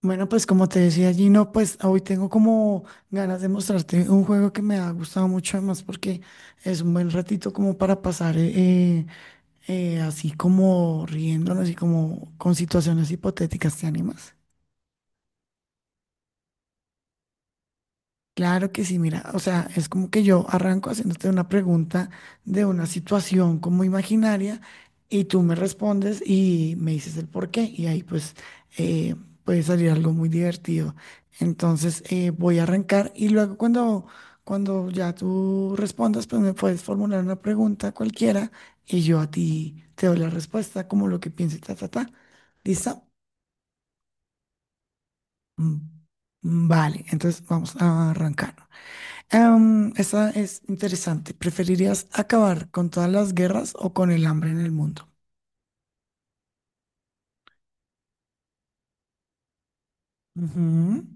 Bueno, pues como te decía Gino, pues hoy tengo como ganas de mostrarte un juego que me ha gustado mucho además porque es un buen ratito como para pasar así como riéndonos y como con situaciones hipotéticas, ¿te animas? Claro que sí, mira, o sea, es como que yo arranco haciéndote una pregunta de una situación como imaginaria y tú me respondes y me dices el por qué y ahí pues eh, puede salir algo muy divertido. Entonces voy a arrancar y luego cuando ya tú respondas pues me puedes formular una pregunta cualquiera y yo a ti te doy la respuesta como lo que piense, ta, ta, ta. ¿Listo? Mm, Vale, entonces vamos a arrancar. Esa es interesante. ¿Preferirías acabar con todas las guerras o con el hambre en el mundo? Ujú.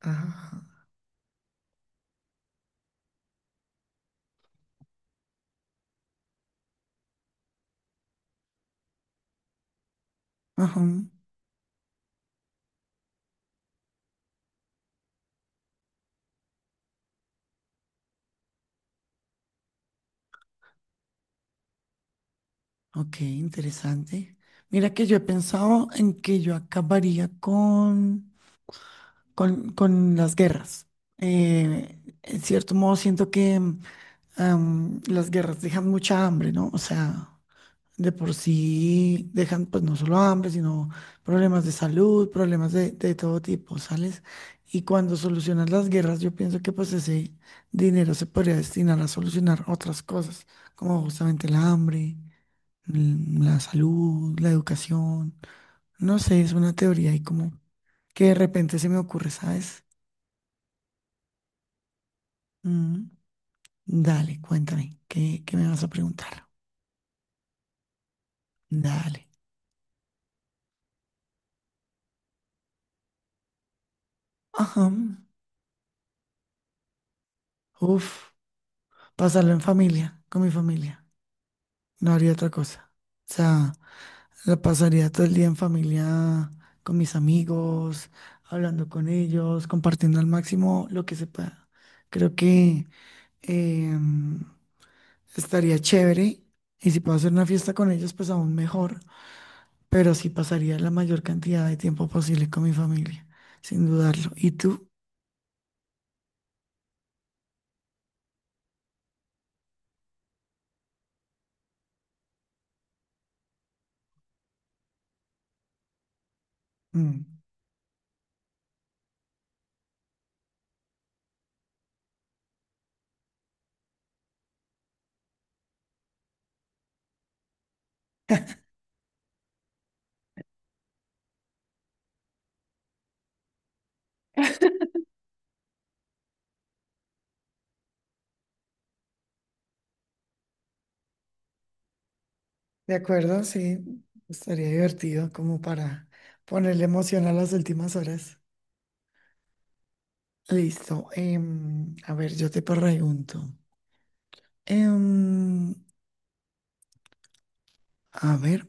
Ajá. Ajá. Ok, interesante. Mira que yo he pensado en que yo acabaría con las guerras. En cierto modo siento que las guerras dejan mucha hambre, ¿no? O sea, de por sí dejan pues no solo hambre, sino problemas de salud, problemas de todo tipo, ¿sales? Y cuando solucionas las guerras, yo pienso que pues ese dinero se podría destinar a solucionar otras cosas, como justamente el hambre, mm, la salud, la educación. No sé, es una teoría y como que de repente se me ocurre, ¿sabes? Mm, dale, cuéntame, ¿qué me vas a preguntar? Dale. Ajá. Uf, pasarlo en familia, con mi familia. No haría otra cosa. O sea, la pasaría todo el día en familia, con mis amigos, hablando con ellos, compartiendo al máximo lo que se pueda. Creo que em, estaría chévere y si puedo hacer una fiesta con ellos, pues aún mejor, pero sí pasaría la mayor cantidad de tiempo posible con mi familia, sin dudarlo. ¿Y tú? Mm, De acuerdo, sí, estaría divertido como para ponerle emoción a las últimas horas. Listo. A ver, yo te pregunto. em, a ver,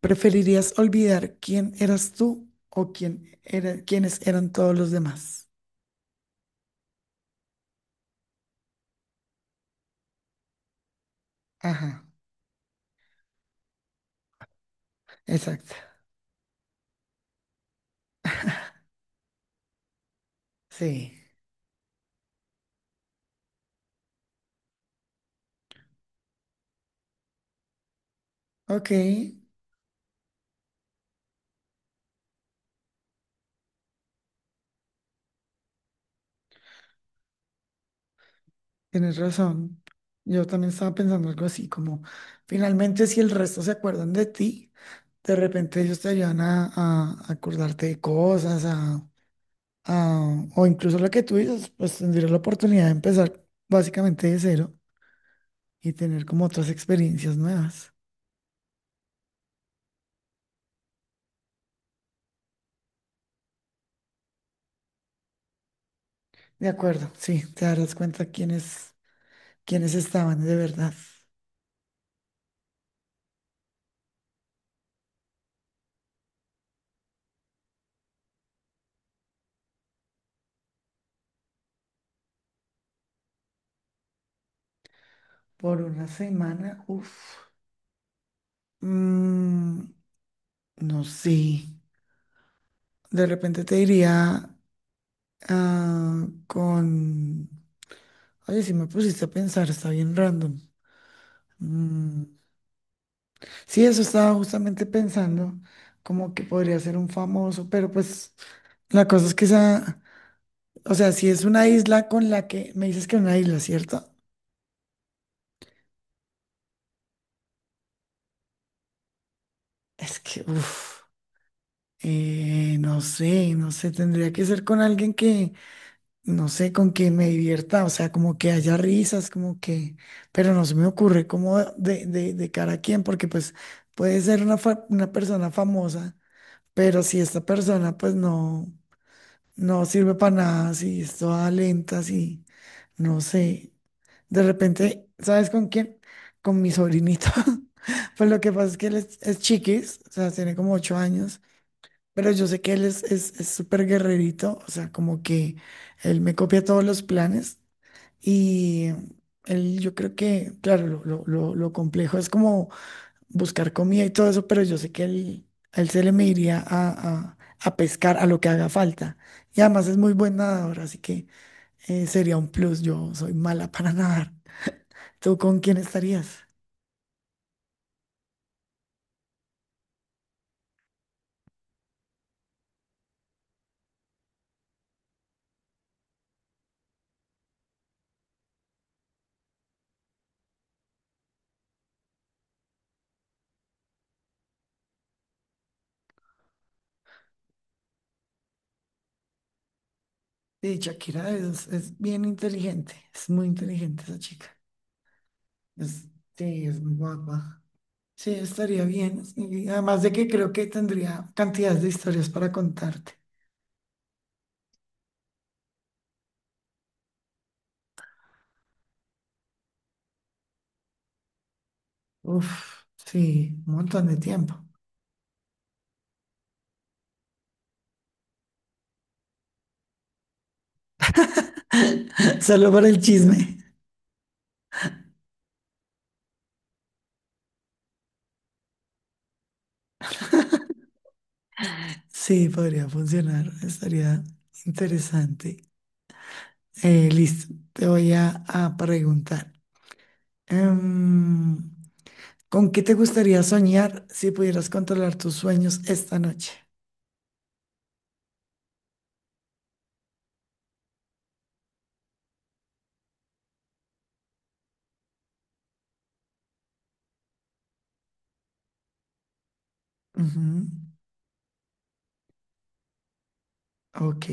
¿preferirías olvidar quién eras tú o quiénes eran todos los demás? Ajá, exacto. Sí. Ok, tienes razón. Yo también estaba pensando algo así, como finalmente si el resto se acuerdan de ti, de repente ellos te ayudan a acordarte de cosas, ah, o incluso la que tú dices, pues tendría la oportunidad de empezar básicamente de cero y tener como otras experiencias nuevas. De acuerdo, sí, te darás cuenta quiénes estaban de verdad. Por una semana, uff, no sé, de repente te diría ah, con, oye, si me pusiste a pensar, está bien random. Mm, Sí, eso estaba justamente pensando, como que podría ser un famoso, pero pues... La cosa es que esa, o sea, si es una isla con la que me dices que es una isla, ¿cierto? Es que, uff, no sé, tendría que ser con alguien que, no sé, con que me divierta, o sea, como que haya risas, como que, pero no se me ocurre como de cara a quién, porque pues puede ser una, una persona famosa, pero si esta persona pues no, no sirve para nada, si es toda lenta, si, no sé. De repente, ¿sabes con quién? Con mi sobrinito. Pues lo que pasa es que él es chiquis, o sea, tiene como 8 años, pero yo sé que él es súper guerrerito, o sea, como que él me copia todos los planes y él, yo creo que, claro, lo complejo es como buscar comida y todo eso, pero yo sé que él, a él se le me iría a pescar a lo que haga falta. Y además es muy buen nadador, así que sería un plus, yo soy mala para nadar. ¿Tú con quién estarías? Sí, Shakira es bien inteligente, es muy inteligente esa chica. Es- sí, es muy guapa. Sí, estaría bien. Y además de que creo que tendría cantidades de historias para contarte. Uf, sí, un montón de tiempo. Solo para el chisme. Sí, podría funcionar, estaría interesante. Listo, te voy a preguntar. Em, ¿con qué te gustaría soñar si pudieras controlar tus sueños esta noche? Ujú, Ok.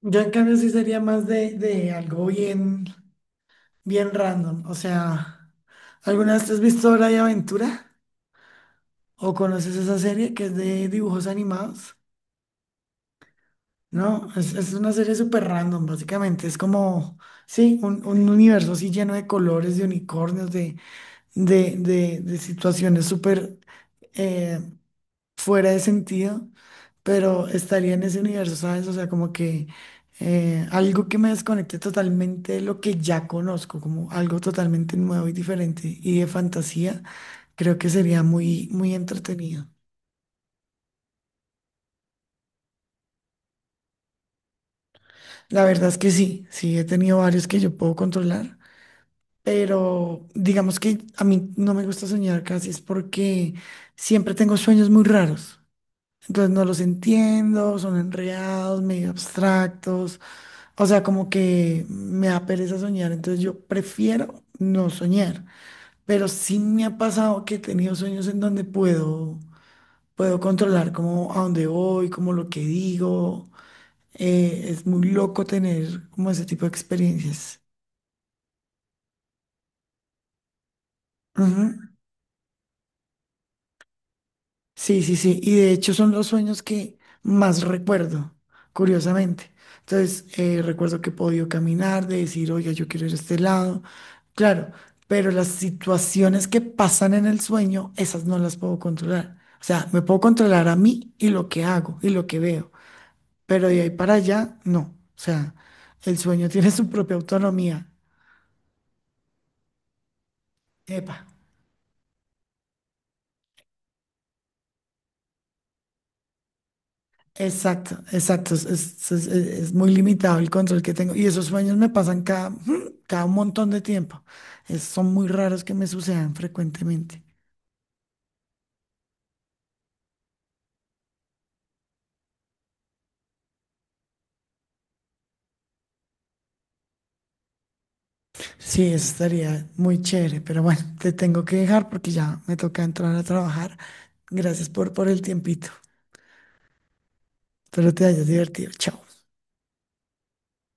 Yo en cambio sí sería más de algo bien, bien random. O sea, ¿alguna vez te has visto Hora de Aventura? ¿O conoces esa serie que es de dibujos animados? No, es una serie súper random, básicamente. Es como, sí, un universo así lleno de colores, de unicornios, de situaciones súper eh, fuera de sentido, pero estaría en ese universo, ¿sabes? O sea, como que algo que me desconecte totalmente de lo que ya conozco, como algo totalmente nuevo y diferente y de fantasía, creo que sería muy, muy entretenido. La verdad es que sí, sí, he tenido varios que yo puedo controlar. Pero digamos que a mí no me gusta soñar casi, es porque siempre tengo sueños muy raros. Entonces no los entiendo, son enreados, medio abstractos. O sea, como que me da pereza soñar, entonces yo prefiero no soñar, pero sí me ha pasado que he tenido sueños en donde puedo controlar como a dónde voy, como lo que digo. Es muy loco tener como ese tipo de experiencias. Ujú. Sí, sí, sí. Y de hecho son los sueños que más recuerdo, curiosamente. Entonces, recuerdo que he podido caminar, de decir, oiga, yo quiero ir a este lado. Claro, pero las situaciones que pasan en el sueño, esas no las puedo controlar. O sea, me puedo controlar a mí y lo que hago y lo que veo, pero de ahí para allá, no. O sea, el sueño tiene su propia autonomía. Epa. Exacto, exacto. Es, es muy limitado el control que tengo. Y esos sueños me pasan cada, ujú, cada un montón de tiempo. Son muy raros que me sucedan frecuentemente. Sí, eso estaría muy chévere. Pero bueno, te tengo que dejar porque ya me toca entrar a trabajar. Gracias por el tiempito. Espero te hayas divertido. Chao.